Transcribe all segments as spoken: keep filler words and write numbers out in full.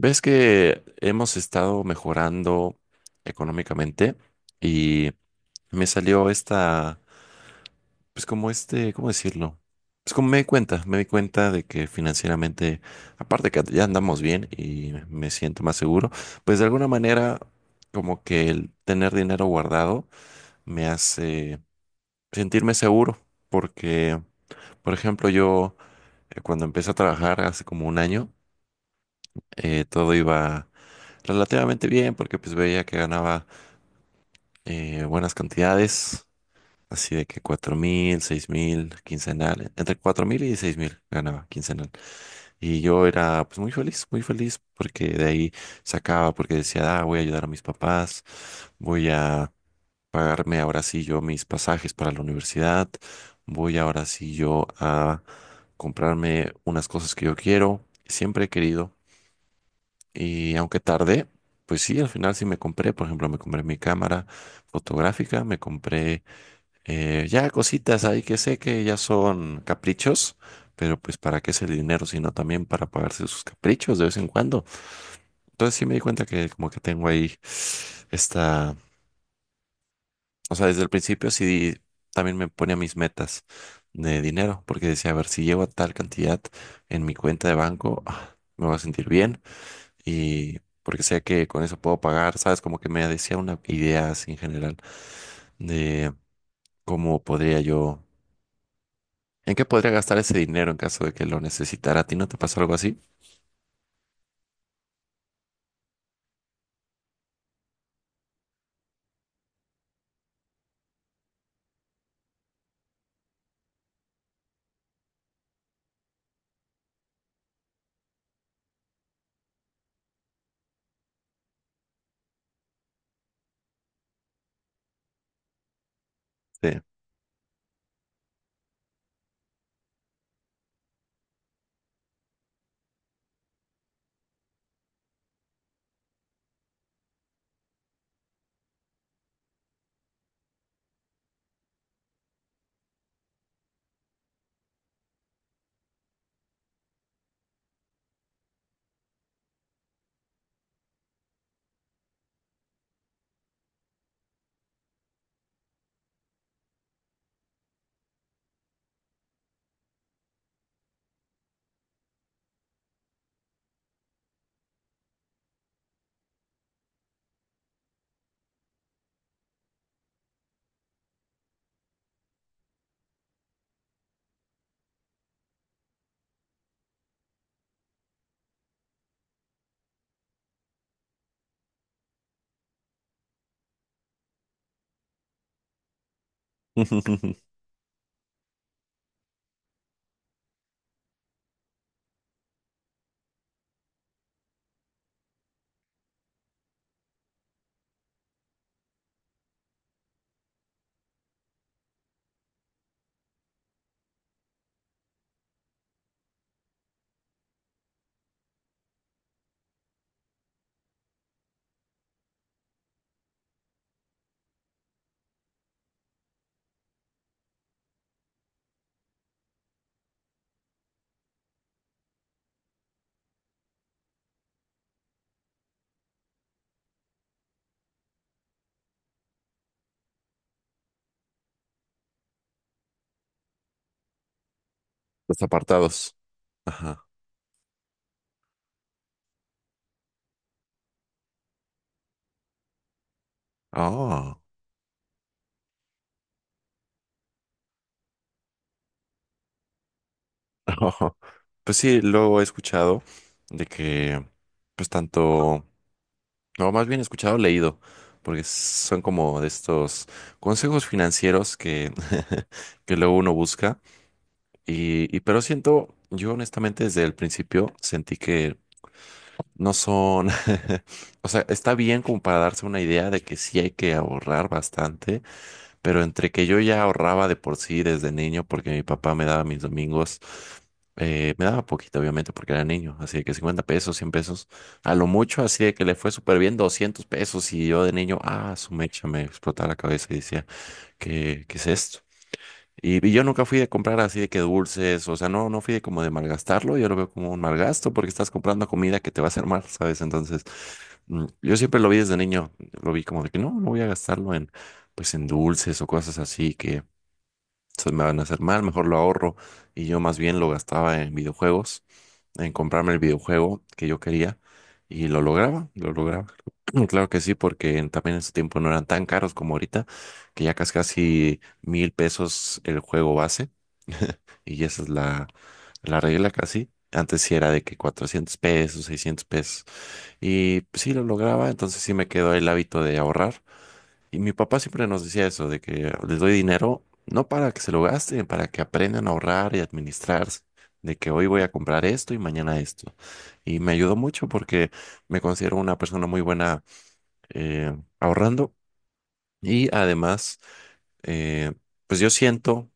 Ves que hemos estado mejorando económicamente y me salió esta, pues como este, ¿cómo decirlo? Pues como me di cuenta, me di cuenta de que financieramente, aparte que ya andamos bien y me siento más seguro, pues de alguna manera como que el tener dinero guardado me hace sentirme seguro porque, por ejemplo, yo eh, cuando empecé a trabajar hace como un año, eh, todo iba relativamente bien porque pues veía que ganaba eh, buenas cantidades, así de que cuatro mil, seis mil, quincenal, entre cuatro mil y seis mil ganaba quincenal. Y yo era pues muy feliz, muy feliz porque de ahí sacaba, porque decía, ah, voy a ayudar a mis papás, voy a pagarme ahora sí yo mis pasajes para la universidad, voy ahora sí yo a comprarme unas cosas que yo quiero, siempre he querido. Y aunque tardé, pues sí, al final sí me compré, por ejemplo, me compré mi cámara fotográfica, me compré eh, ya cositas ahí que sé que ya son caprichos, pero pues para qué es el dinero, sino también para pagarse sus caprichos de vez en cuando. Entonces sí me di cuenta que como que tengo ahí esta, o sea, desde el principio sí también me ponía mis metas de dinero, porque decía, a ver, si llego a tal cantidad en mi cuenta de banco, ah, me voy a sentir bien y porque sé que con eso puedo pagar, ¿sabes? Como que me decía una idea así en general de cómo podría yo, en qué podría gastar ese dinero en caso de que lo necesitara. ¿A ti no te pasó algo así? Sí. Los apartados. Ajá. Oh. Pues sí, luego he escuchado de que, pues tanto, no, más bien he escuchado, leído, porque son como de estos consejos financieros que, que luego uno busca. Y, y pero siento, yo honestamente desde el principio sentí que no son, o sea, está bien como para darse una idea de que sí hay que ahorrar bastante, pero entre que yo ya ahorraba de por sí desde niño porque mi papá me daba mis domingos, eh, me daba poquito obviamente porque era niño, así de que cincuenta pesos, cien pesos, a lo mucho, así de que le fue súper bien doscientos pesos y yo de niño, ah, su mecha me explotaba la cabeza y decía, ¿qué, qué es esto? Y, y yo nunca fui de comprar así de que dulces, o sea, no, no fui de como de malgastarlo, yo lo veo como un malgasto porque estás comprando comida que te va a hacer mal, ¿sabes? Entonces, mm, yo siempre lo vi desde niño, lo vi como de que no, no voy a gastarlo en, pues en dulces o cosas así que se me van a hacer mal, mejor lo ahorro. Y yo más bien lo gastaba en videojuegos, en comprarme el videojuego que yo quería y lo lograba, lo lograba. Claro que sí, porque en- también en su tiempo no eran tan caros como ahorita, que ya casi casi mil pesos el juego base y esa es la, la regla casi. Antes sí era de que cuatrocientos pesos, seiscientos pesos. Y pues, sí lo lograba, entonces sí me quedó el hábito de ahorrar. Y mi papá siempre nos decía eso, de que les doy dinero, no para que se lo gasten, para que aprendan a ahorrar y administrarse, de que hoy voy a comprar esto y mañana esto. Y me ayudó mucho porque me considero una persona muy buena eh, ahorrando y además, eh, pues yo siento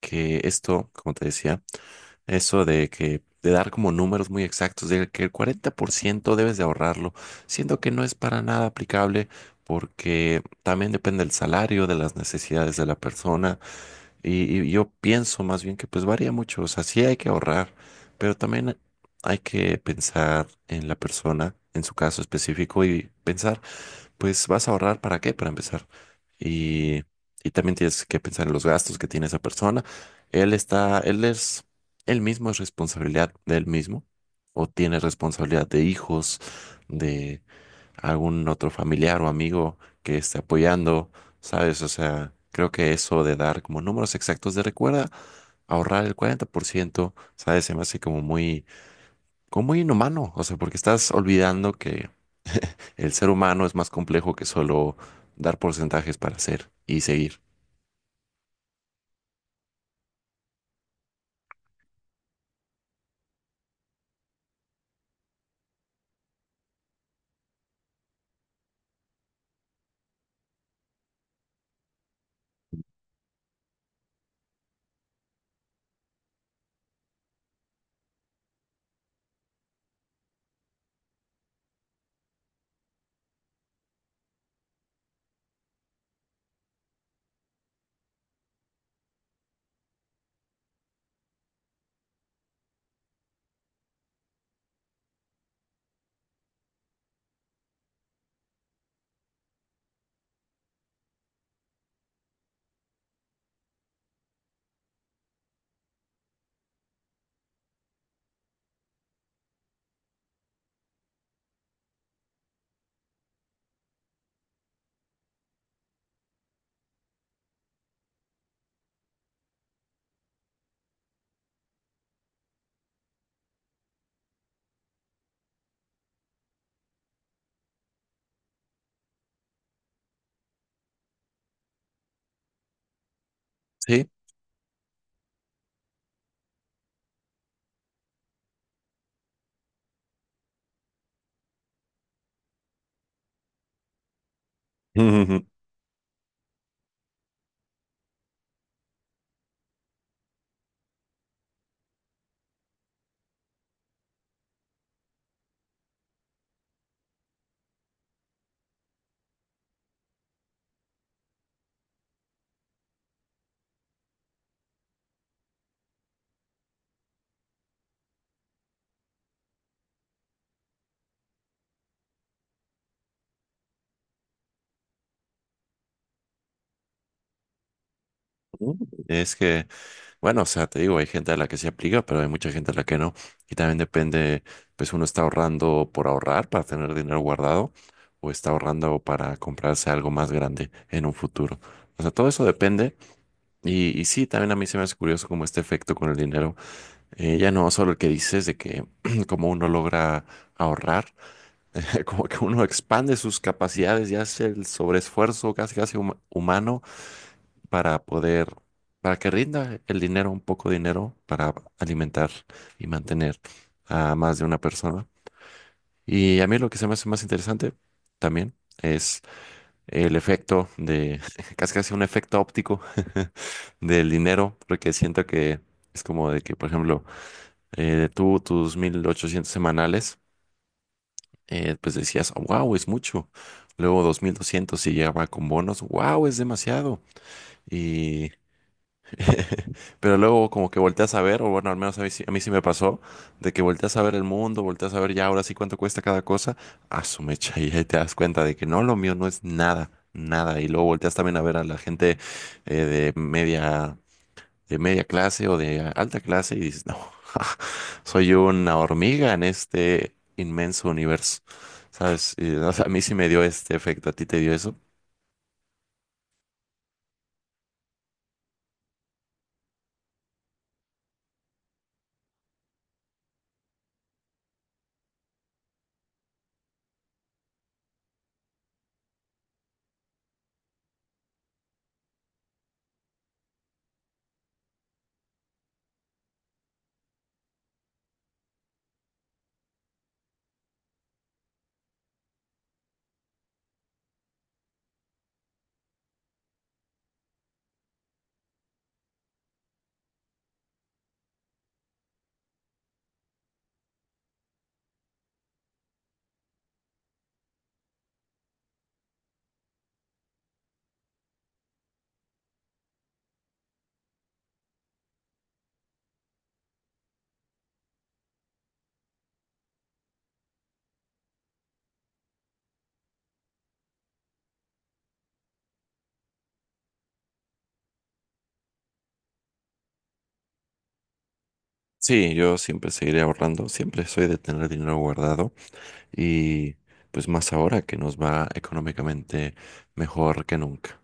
que esto, como te decía, eso de que de dar como números muy exactos, de que el cuarenta por ciento debes de ahorrarlo, siendo que no es para nada aplicable porque también depende del salario, de las necesidades de la persona y, y yo pienso más bien que pues varía mucho, o sea, sí hay que ahorrar, pero también hay que pensar en la persona, en su caso específico y pensar pues vas a ahorrar para qué, para empezar. Y, y también tienes que pensar en los gastos que tiene esa persona. Él está, él es, él mismo es responsabilidad de él mismo o tiene responsabilidad de hijos, de algún otro familiar o amigo que esté apoyando, ¿sabes? O sea, creo que eso de dar como números exactos de recuerda, ahorrar el cuarenta por ciento, ¿sabes? Se me hace como muy, como muy inhumano, o sea, porque estás olvidando que el ser humano es más complejo que solo dar porcentajes para hacer y seguir. Sí. Es que, bueno, o sea, te digo, hay gente a la que se aplica, pero hay mucha gente a la que no. Y también depende, pues uno está ahorrando por ahorrar, para tener dinero guardado, o está ahorrando para comprarse algo más grande en un futuro. O sea, todo eso depende. Y, y sí, también a mí se me hace curioso como este efecto con el dinero. Eh, ya no solo el que dices de que como uno logra ahorrar como que uno expande sus capacidades y hace el sobreesfuerzo casi casi huma- humano para poder, para que rinda el dinero, un poco de dinero para alimentar y mantener a más de una persona. Y a mí lo que se me hace más interesante también es el efecto de, casi casi un efecto óptico del dinero, porque siento que es como de que, por ejemplo, eh, tú tus mil ochocientos semanales eh, pues decías, wow, es mucho. Luego dos mil doscientos si llegaba con bonos, wow, es demasiado. Y pero luego como que volteas a ver, o bueno, al menos a mí, sí- a mí sí me pasó, de que volteas a ver el mundo, volteas a ver ya ahora sí cuánto cuesta cada cosa, a su mecha y ahí te das cuenta de que no, lo mío no es nada, nada. Y luego volteas también a ver a la gente eh, de media de media clase o de alta clase y dices, no, soy una hormiga en este inmenso universo, ¿sabes? Y, o sea, a mí sí me dio este efecto, ¿a ti te dio eso? Sí, yo siempre seguiré ahorrando, siempre soy de tener dinero guardado y pues más ahora que nos va económicamente mejor que nunca.